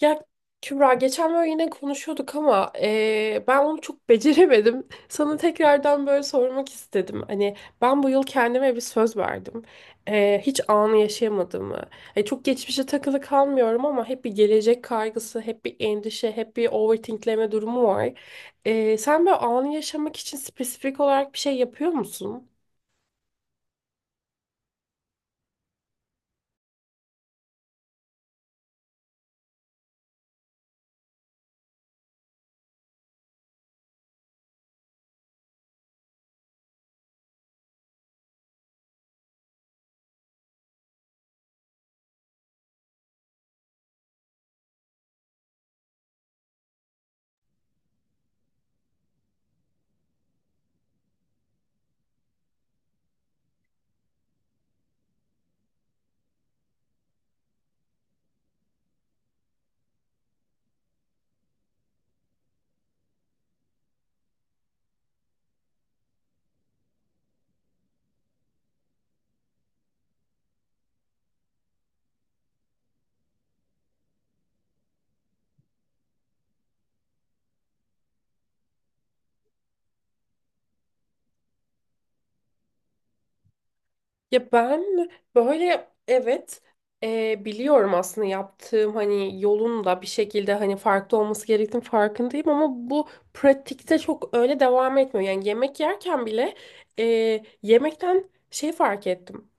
Ya Kübra geçen böyle yine konuşuyorduk ama ben onu çok beceremedim. Sana tekrardan böyle sormak istedim. Hani ben bu yıl kendime bir söz verdim. Hiç anı yaşayamadığımı. Çok geçmişe takılı kalmıyorum ama hep bir gelecek kaygısı, hep bir endişe, hep bir overthinkleme durumu var. Sen böyle anı yaşamak için spesifik olarak bir şey yapıyor musun? Ya ben böyle evet, biliyorum aslında yaptığım hani yolun da bir şekilde hani farklı olması gerektiğini farkındayım ama bu pratikte çok öyle devam etmiyor. Yani yemek yerken bile e, yemekten şey fark ettim.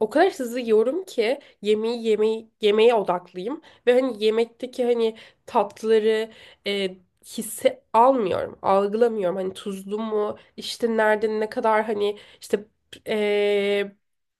O kadar hızlı yiyorum ki yemeği yemeğe odaklıyım ve hani yemekteki hani tatları, e, hisse almıyorum, algılamıyorum. Hani tuzlu mu, işte nerede ne kadar hani işte, e,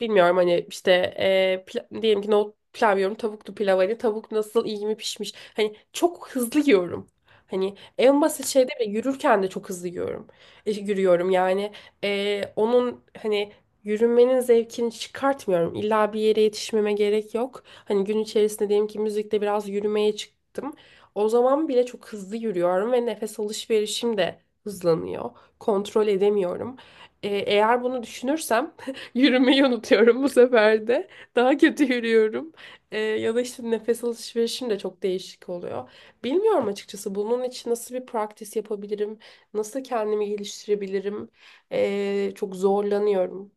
bilmiyorum hani işte, diyelim ki nohut pilav yiyorum, tavuklu pilav, hani tavuk nasıl, iyi mi pişmiş. Hani çok hızlı yiyorum. Hani en basit şeyde bile, yürürken de çok hızlı yiyorum. Yürüyorum yani. E, onun hani Yürümenin zevkini çıkartmıyorum. İlla bir yere yetişmeme gerek yok. Hani gün içerisinde diyelim ki müzikte biraz yürümeye çıktım. O zaman bile çok hızlı yürüyorum ve nefes alışverişim de hızlanıyor. Kontrol edemiyorum. Eğer bunu düşünürsem yürümeyi unutuyorum bu sefer de. Daha kötü yürüyorum. Ya da işte nefes alışverişim de çok değişik oluyor. Bilmiyorum açıkçası, bunun için nasıl bir praktis yapabilirim? Nasıl kendimi geliştirebilirim? Çok zorlanıyorum.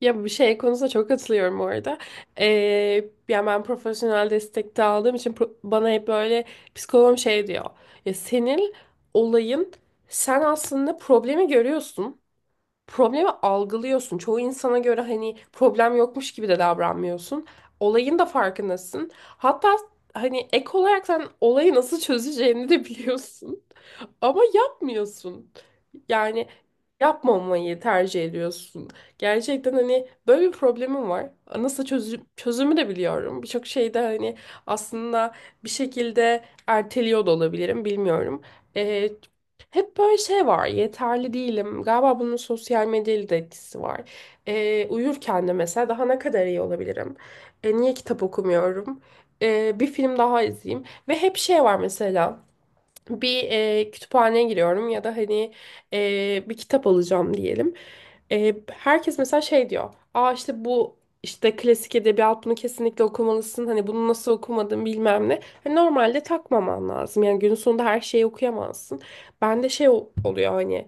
Ya, bu şey konusunda çok katılıyorum orada. Ee, Yani ben profesyonel destek de aldığım için bana hep böyle psikologum şey diyor. Ya, senin olayın, sen aslında problemi görüyorsun. Problemi algılıyorsun. Çoğu insana göre hani problem yokmuş gibi de davranmıyorsun. Olayın da farkındasın. Hatta hani ek olarak sen olayı nasıl çözeceğini de biliyorsun. Ama yapmıyorsun. Yani yapmamayı tercih ediyorsun. Gerçekten hani böyle bir problemim var. Nasıl çözüm, çözümü de biliyorum. Birçok şeyde hani aslında bir şekilde erteliyor da olabilirim, bilmiyorum. Ee, Hep böyle şey var. Yeterli değilim. Galiba bunun sosyal medyayla da etkisi var. Uyurken de mesela daha ne kadar iyi olabilirim? Niye kitap okumuyorum? Bir film daha izleyeyim. Ve hep şey var mesela, bir kütüphaneye giriyorum ya da hani bir kitap alacağım diyelim. Herkes mesela şey diyor. Aa, işte bu, işte klasik edebiyat, bunu kesinlikle okumalısın. Hani bunu nasıl okumadın, bilmem ne. Hani normalde takmaman lazım. Yani günün sonunda her şeyi okuyamazsın. Bende şey oluyor hani,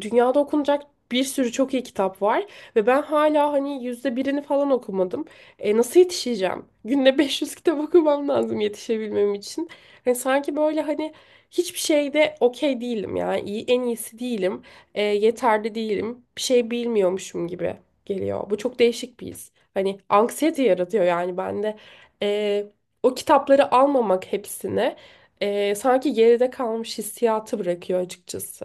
dünyada okunacak bir sürü çok iyi kitap var ve ben hala hani yüzde birini falan okumadım. E, nasıl yetişeceğim? Günde 500 kitap okumam lazım yetişebilmem için. Hani sanki böyle hani hiçbir şeyde okey değilim ya. İyi, en iyisi değilim. Yeterli değilim. Bir şey bilmiyormuşum gibi geliyor. Bu çok değişik bir his. Hani anksiyete yaratıyor yani bende. E, O kitapları almamak hepsine, sanki geride kalmış hissiyatı bırakıyor açıkçası.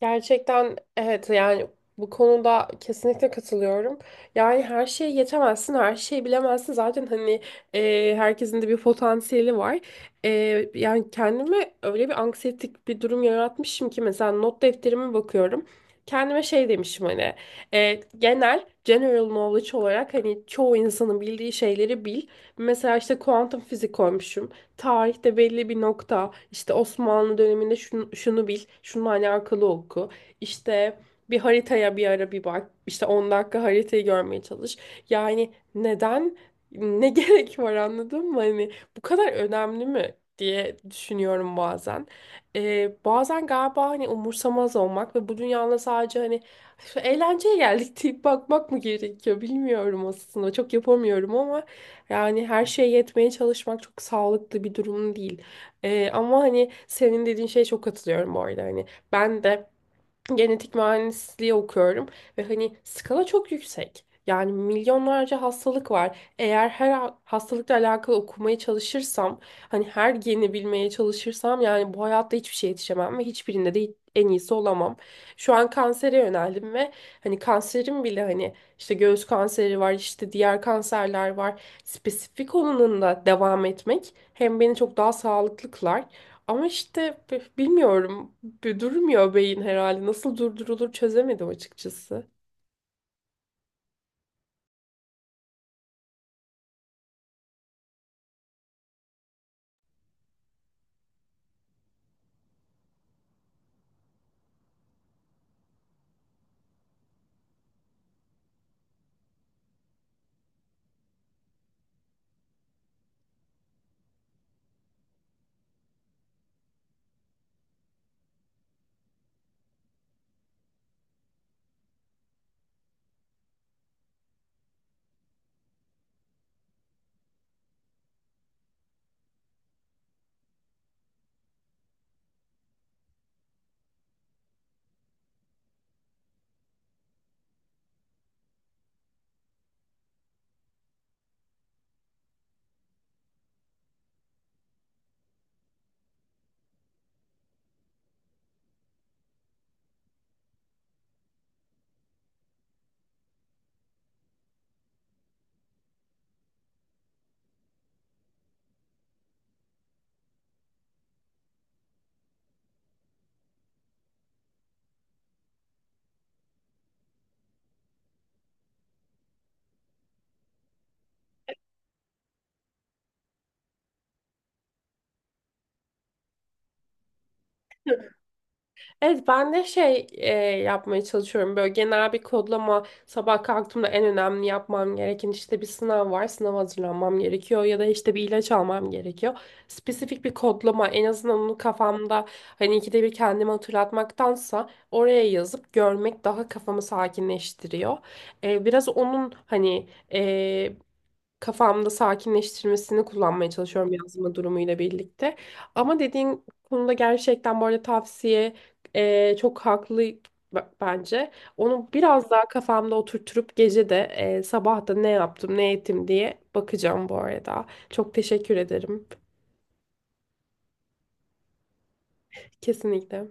Gerçekten evet, yani bu konuda kesinlikle katılıyorum. Yani her şeyi yetemezsin, her şeyi bilemezsin. Zaten hani herkesin de bir potansiyeli var. E, Yani kendime öyle bir anksiyetik bir durum yaratmışım ki mesela not defterime bakıyorum. Kendime şey demişim, hani genel general knowledge olarak hani çoğu insanın bildiği şeyleri bil. Mesela işte kuantum fizik koymuşum, tarihte belli bir nokta, işte Osmanlı döneminde şunu, şunu bil, şununla alakalı oku. İşte bir haritaya bir ara bir bak. İşte 10 dakika haritayı görmeye çalış. Yani neden, ne gerek var, anladın mı? Hani bu kadar önemli mi diye düşünüyorum bazen. Bazen galiba hani umursamaz olmak ve bu dünyada sadece hani "Şu eğlenceye geldik" deyip bakmak mı gerekiyor, bilmiyorum aslında. Çok yapamıyorum ama yani her şeye yetmeye çalışmak çok sağlıklı bir durum değil. Ama hani senin dediğin şeye çok katılıyorum bu arada. Hani ben de genetik mühendisliği okuyorum ve hani skala çok yüksek. Yani milyonlarca hastalık var. Eğer her hastalıkla alakalı okumaya çalışırsam, hani her geni bilmeye çalışırsam, yani bu hayatta hiçbir şeye yetişemem ve hiçbirinde de en iyisi olamam. Şu an kansere yöneldim ve hani kanserim bile, hani işte göğüs kanseri var, işte diğer kanserler var. Spesifik olanında devam etmek hem beni çok daha sağlıklı kılar ama işte bilmiyorum. Durmuyor beyin herhalde. Nasıl durdurulur çözemedim açıkçası. Evet ben de şey, yapmaya çalışıyorum. Böyle genel bir kodlama, sabah kalktığımda en önemli yapmam gereken, işte bir sınav var. Sınava hazırlanmam gerekiyor, ya da işte bir ilaç almam gerekiyor. Spesifik bir kodlama, en azından onu kafamda hani ikide bir kendime hatırlatmaktansa oraya yazıp görmek daha kafamı sakinleştiriyor. Biraz onun hani, e, kafamda sakinleştirmesini kullanmaya çalışıyorum yazma durumuyla birlikte. Ama dediğin konuda gerçekten bu arada tavsiye, çok haklı bence. Onu biraz daha kafamda oturtup gece de, sabah da ne yaptım ne ettim diye bakacağım bu arada. Çok teşekkür ederim. Kesinlikle.